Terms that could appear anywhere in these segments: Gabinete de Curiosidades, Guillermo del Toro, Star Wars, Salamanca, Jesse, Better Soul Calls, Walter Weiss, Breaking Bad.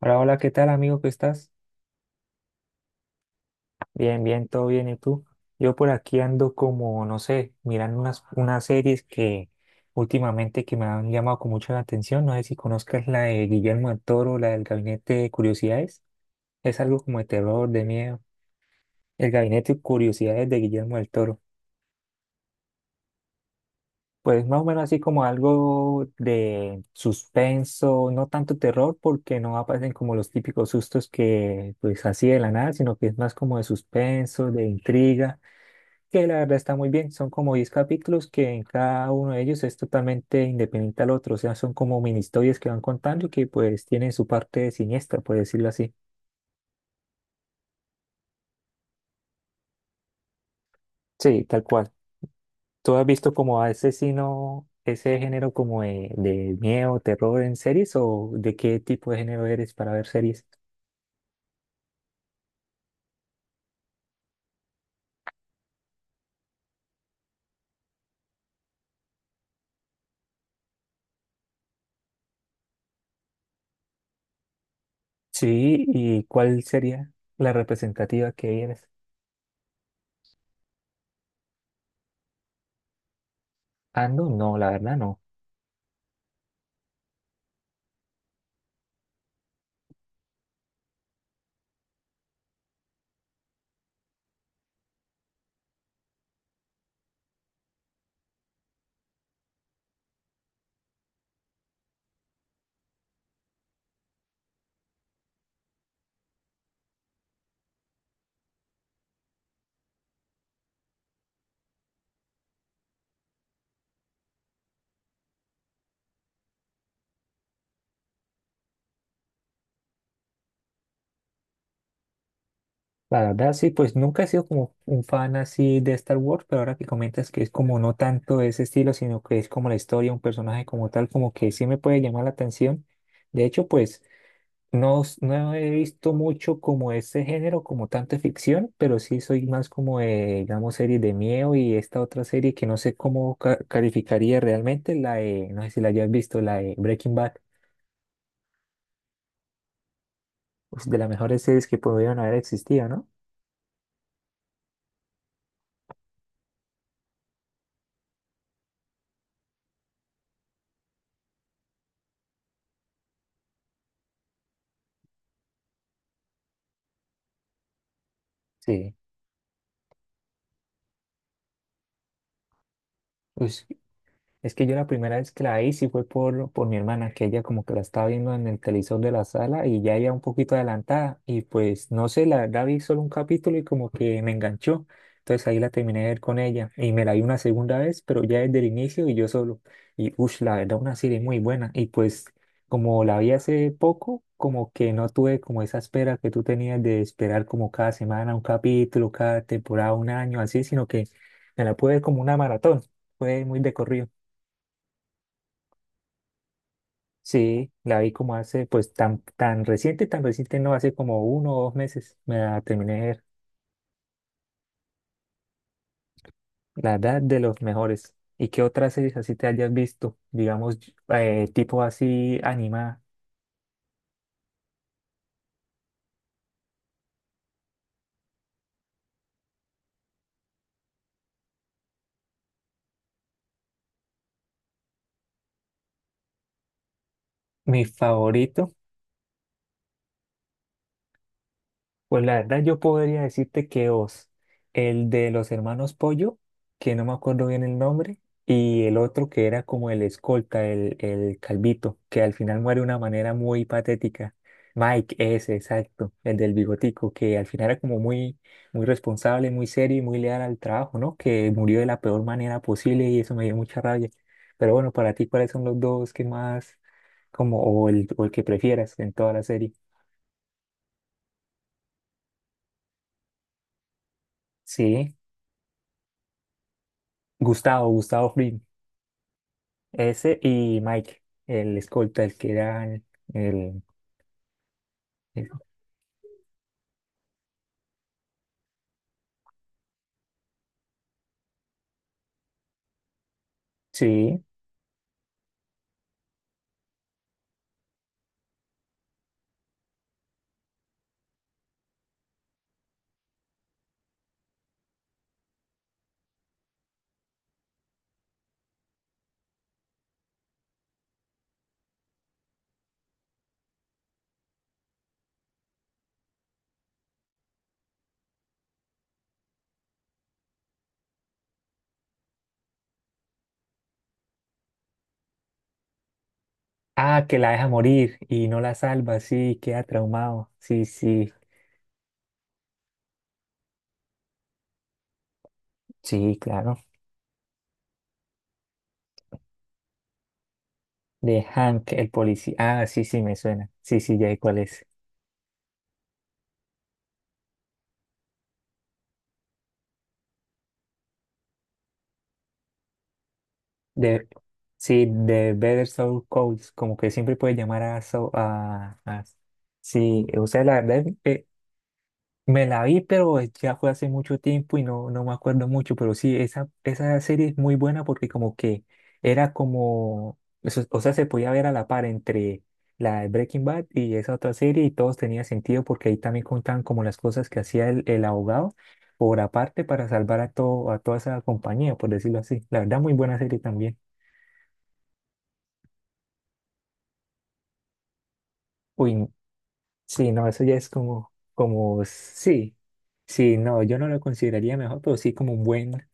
Hola, hola, ¿qué tal amigo? ¿Qué estás? Bien, bien, todo bien. ¿Y tú? Yo por aquí ando como, no sé, mirando unas series que últimamente que me han llamado con mucho la atención. No sé si conozcas la de Guillermo del Toro, la del Gabinete de Curiosidades. Es algo como de terror, de miedo. El Gabinete de Curiosidades de Guillermo del Toro. Pues más o menos así como algo de suspenso, no tanto terror porque no aparecen como los típicos sustos que pues así de la nada, sino que es más como de suspenso, de intriga, que la verdad está muy bien. Son como 10 capítulos que en cada uno de ellos es totalmente independiente al otro. O sea, son como mini historias que van contando y que pues tienen su parte siniestra, por decirlo así. Sí, tal cual. ¿Tú has visto como a ese sino, ese género como de miedo, terror en series o de qué tipo de género eres para ver series? Sí, ¿y cuál sería la representativa que eres? Ando, no, la verdad no. La verdad, sí, pues nunca he sido como un fan así de Star Wars, pero ahora que comentas que es como no tanto ese estilo, sino que es como la historia, un personaje como tal, como que sí me puede llamar la atención. De hecho, pues no, no he visto mucho como ese género, como tanto de ficción, pero sí soy más como de, digamos, series de miedo y esta otra serie que no sé cómo calificaría realmente, la de, no sé si la hayas visto, la de Breaking Bad, pues, de las mejores series que pudieron haber existido, ¿no? Sí. Uy, es que yo la primera vez que la vi sí fue por mi hermana, que ella como que la estaba viendo en el televisor de la sala y ya iba un poquito adelantada y pues no sé, la verdad vi solo un capítulo y como que me enganchó. Entonces ahí la terminé de ver con ella y me la vi una segunda vez, pero ya desde el inicio y yo solo. Y uff, la verdad una serie muy buena. Y pues como la vi hace poco, como que no tuve como esa espera que tú tenías de esperar como cada semana un capítulo, cada temporada, un año, así, sino que me la pude ver como una maratón. Fue muy de corrido. Sí, la vi como hace, pues tan, tan reciente no, hace como 1 o 2 meses me la terminé de ver. La verdad de los mejores. ¿Y qué otras series así te hayas visto? Digamos, tipo así animada. Mi favorito. Pues la verdad yo podría decirte que Oz, el de los hermanos Pollo, que no me acuerdo bien el nombre, y el otro que era como el escolta, el calvito, que al final muere de una manera muy patética. Mike, ese, exacto, el del bigotico, que al final era como muy, muy responsable, muy serio y muy leal al trabajo, ¿no? Que murió de la peor manera posible y eso me dio mucha rabia. Pero bueno, para ti, ¿cuáles son los dos que más, como, o el que prefieras en toda la serie? Sí, Gustavo, Gustavo Fring. Ese y Mike, el escolta, el que era el el- Sí. Ah, que la deja morir y no la salva, sí, queda traumado. Sí, sí, sí, claro. De Hank, el policía. Ah, sí, sí, me suena. Sí, sí, ya sé cuál es. De, sí, de Better Soul Calls, como que siempre puede llamar a... Saul- a- sí, o sea, la verdad, me la vi, pero ya fue hace mucho tiempo y no, no me acuerdo mucho, pero sí, esa serie es muy buena porque como que era como, o sea, se podía ver a la par entre la de Breaking Bad y esa otra serie y todos tenía sentido porque ahí también contaban como las cosas que hacía el abogado por aparte para salvar a, todo, a toda esa compañía, por decirlo así. La verdad, muy buena serie también. Uy, sí, no, eso ya es como, como, sí, sí, no, yo no lo consideraría mejor, pero sí como un buen,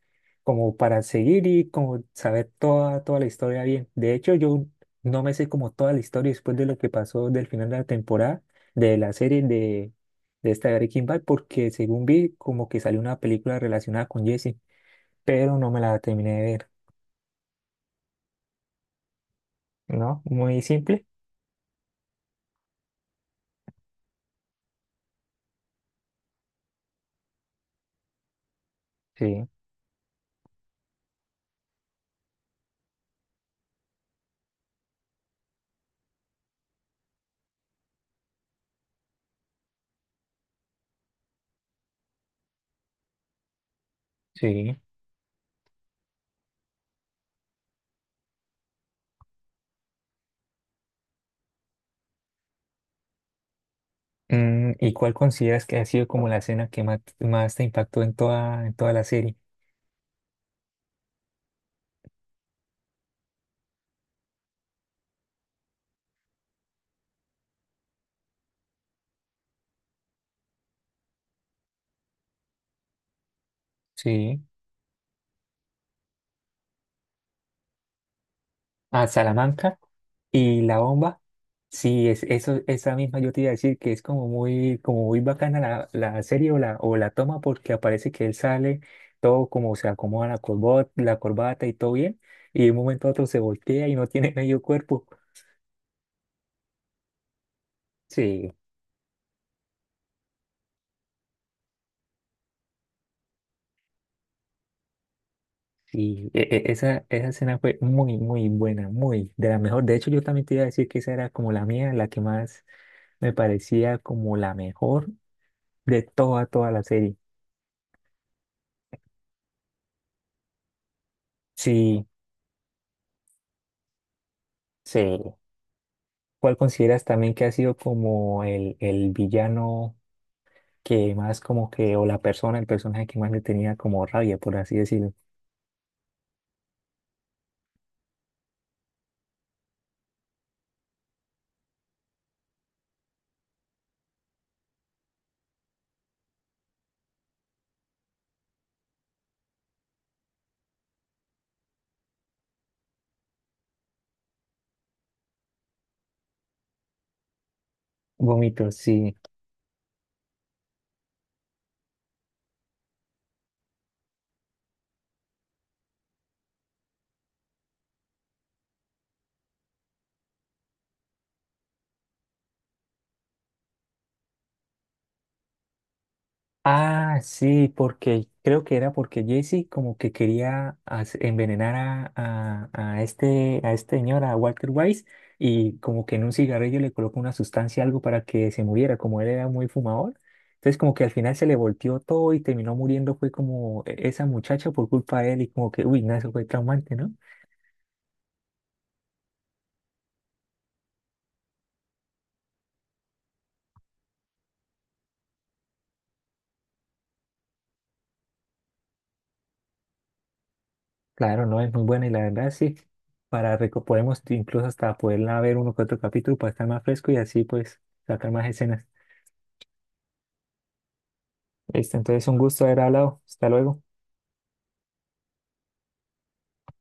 como para seguir y como saber toda, toda la historia bien. De hecho, yo no me sé como toda la historia después de lo que pasó del final de la temporada, de la serie de esta de Breaking Bad, porque según vi, como que salió una película relacionada con Jesse, pero no me la terminé de ver, ¿no? Muy simple. Sí, sí. ¿Y cuál consideras que ha sido como la escena que más, más te impactó en toda la serie? Sí. A Salamanca y La Bomba. Sí, es, eso, esa misma yo te iba a decir que es como muy bacana la, la serie o la toma porque aparece que él sale todo como se acomoda la corbata y todo bien y de un momento a otro se voltea y no tiene medio cuerpo. Sí, y esa, esa escena fue muy, muy buena, muy de la mejor. De hecho, yo también te iba a decir que esa era como la mía, la que más me parecía como la mejor de toda, toda la serie. Sí, sí. ¿Cuál consideras también que ha sido como el villano que más como que, o la persona, el personaje que más le tenía como rabia, por así decirlo? Vómitos, sí. Ah, sí, porque creo que era porque Jesse como que quería envenenar a este señor, a Walter Weiss, y como que en un cigarrillo le colocó una sustancia, algo para que se muriera, como él era muy fumador. Entonces como que al final se le volteó todo y terminó muriendo, fue como esa muchacha por culpa de él y como que, uy, no, eso fue traumante, ¿no? Claro, no, es muy buena y la verdad sí, para podemos incluso hasta poderla ver uno que otro capítulo para estar más fresco y así pues sacar más escenas. Listo, entonces un gusto haber hablado. Hasta luego.